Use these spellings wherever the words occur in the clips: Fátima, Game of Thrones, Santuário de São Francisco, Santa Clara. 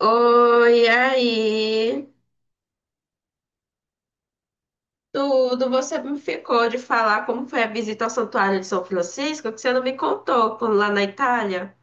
Oi, aí. Tudo, você me ficou de falar como foi a visita ao Santuário de São Francisco, que você não me contou quando lá na Itália.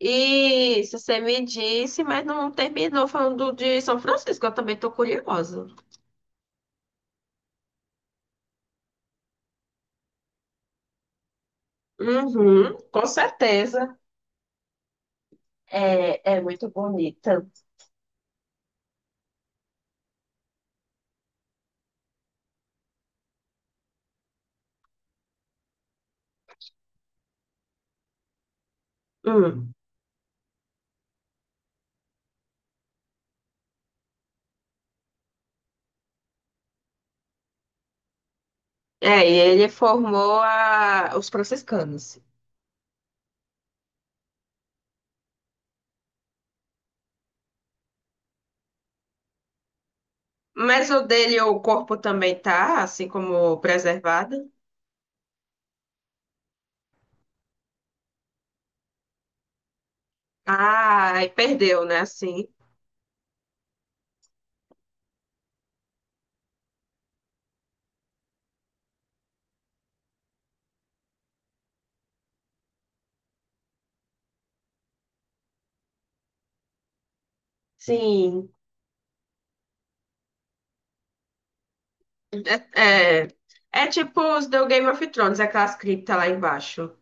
Isso, você me disse, mas não terminou falando de São Francisco, eu também tô curiosa. Uhum, com certeza. É, é muito bonita. Hum. É, e ele formou os franciscanos. Mas o dele, o corpo também tá, assim como preservado. Ah, e perdeu, né? Assim. Sim. É, é, é tipo os do Game of Thrones, aquelas criptas lá embaixo.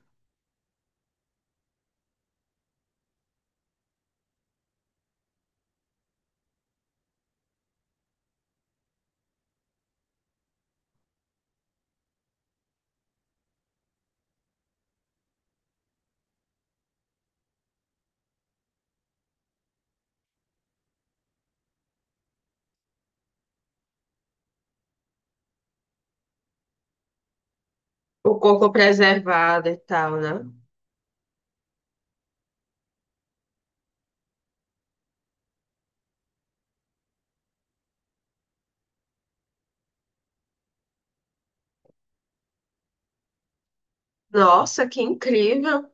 O corpo preservado e tal, né? Nossa, que incrível.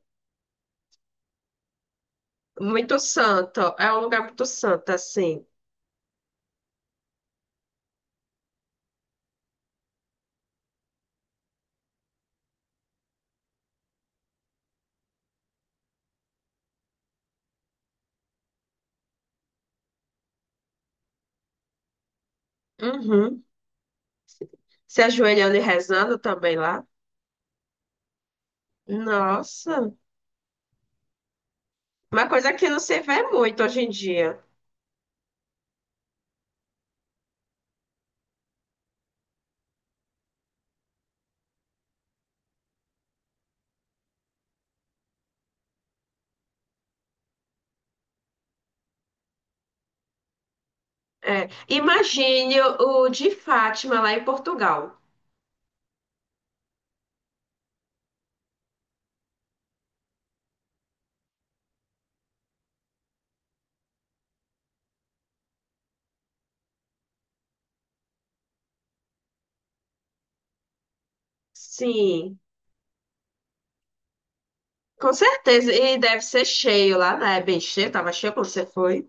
Muito santo. É um lugar muito santo, assim. Uhum. Se ajoelhando e rezando também lá. Nossa. Uma coisa que não se vê muito hoje em dia. É. Imagine o de Fátima lá em Portugal. Sim, com certeza. E deve ser cheio lá, né? É bem cheio, tava cheio quando você foi.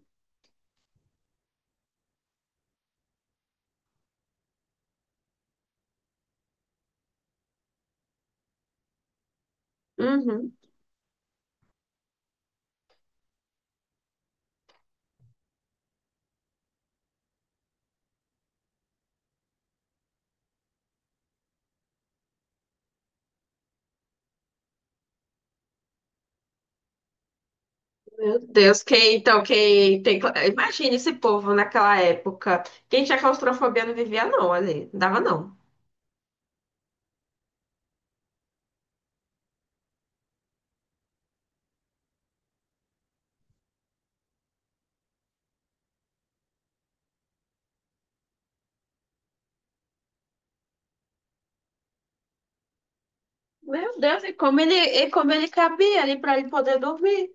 Uhum. Meu Deus, quem então, quem tem. Imagine esse povo naquela época. Quem tinha claustrofobia não vivia, não, ali. Não dava, não. Meu Deus, e como ele cabia ali para ele poder dormir?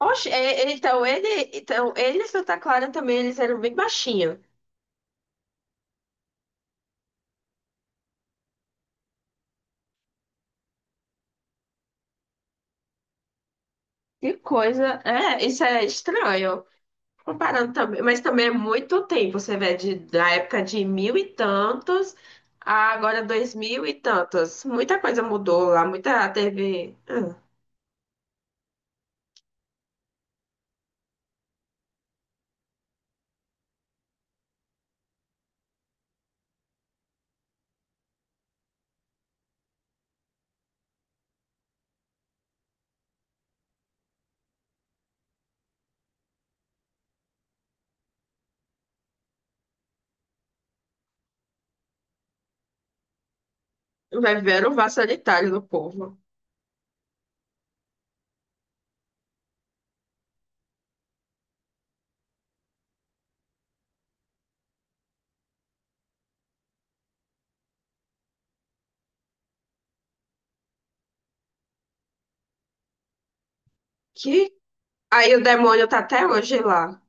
Oxe, então ele e Santa Clara também, eles eram bem baixinhos. Que coisa, é, isso é estranho. Comparando também, mas também é muito tempo, você vê, de, da época de mil e tantos a agora dois mil e tantos. Muita coisa mudou lá, muita teve. Vai ver o vaso sanitário do povo. Que aí o demônio tá até hoje lá.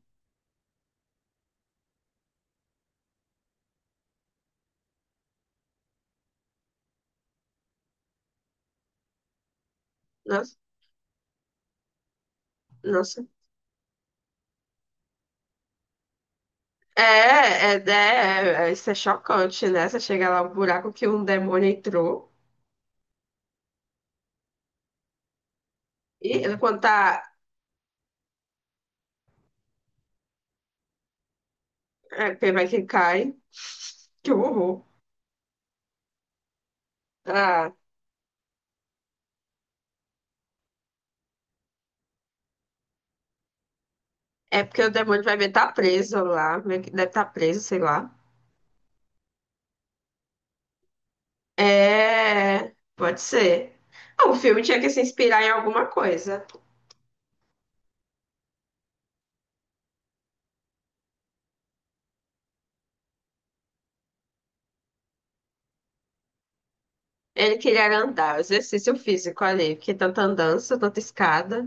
Nossa, nossa. É, é, é, é, isso é chocante, né? Você chega lá, um buraco que um demônio entrou. E ele quando tá. É, quem vai quem cai. Que horror. Ah, é porque o demônio vai ver tá preso lá. Meio que deve estar tá preso, sei lá. É. Pode ser. Ah, o filme tinha que se inspirar em alguma coisa. Ele queria andar, exercício físico ali, porque tanta andança, tanta escada.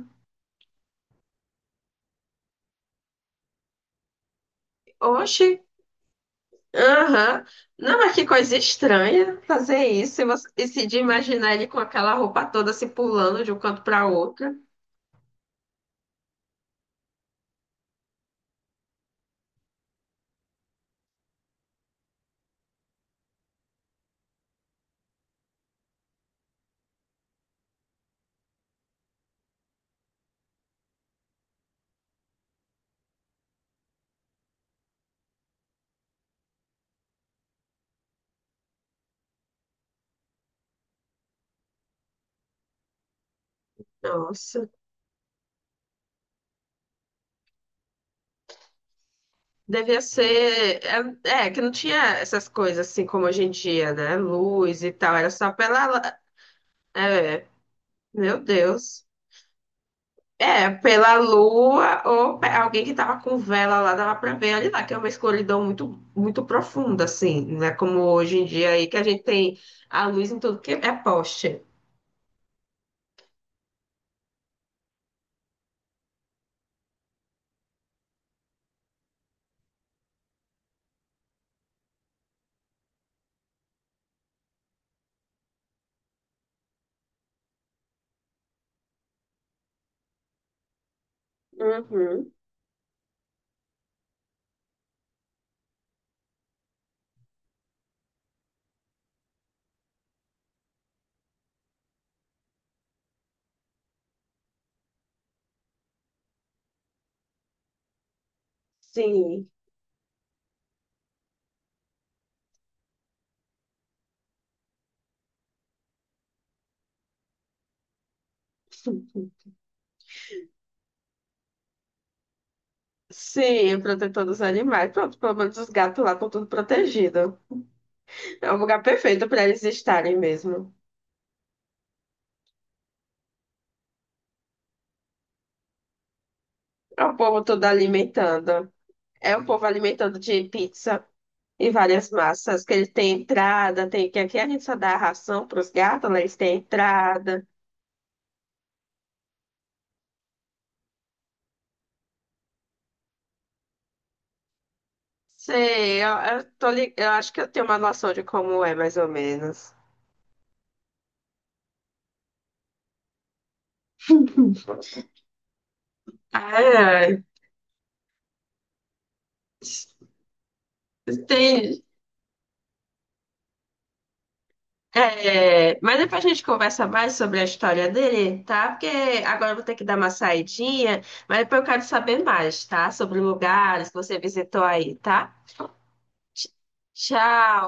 Oxi, aham. Não, mas que coisa estranha fazer isso e, você, e se de imaginar ele com aquela roupa toda se pulando de um canto para outro. Nossa, devia ser. É, é, que não tinha essas coisas assim como hoje em dia, né? Luz e tal, era só pela. É, meu Deus. É, pela lua ou alguém que tava com vela lá, dava pra ver ali lá, que é uma escuridão muito, muito profunda, assim, né? Como hoje em dia aí, que a gente tem a luz em tudo que é poste. Uhum. Sim. Sim, protetor dos animais. Pronto, pelo menos os gatos lá estão tudo protegidos. É um lugar perfeito para eles estarem mesmo. É o povo todo alimentando. É o povo alimentando de pizza. E várias massas que ele tem entrada, tem que aqui a gente só dá ração para os gatos, né? Eles têm entrada. Sei, eu, tô eu acho que eu tenho uma noção de como é, mais ou menos. Ah, tem. É, mas depois a gente conversa mais sobre a história dele, tá? Porque agora eu vou ter que dar uma saidinha, mas depois eu quero saber mais, tá? Sobre lugares que você visitou aí, tá? Tch- Tchau.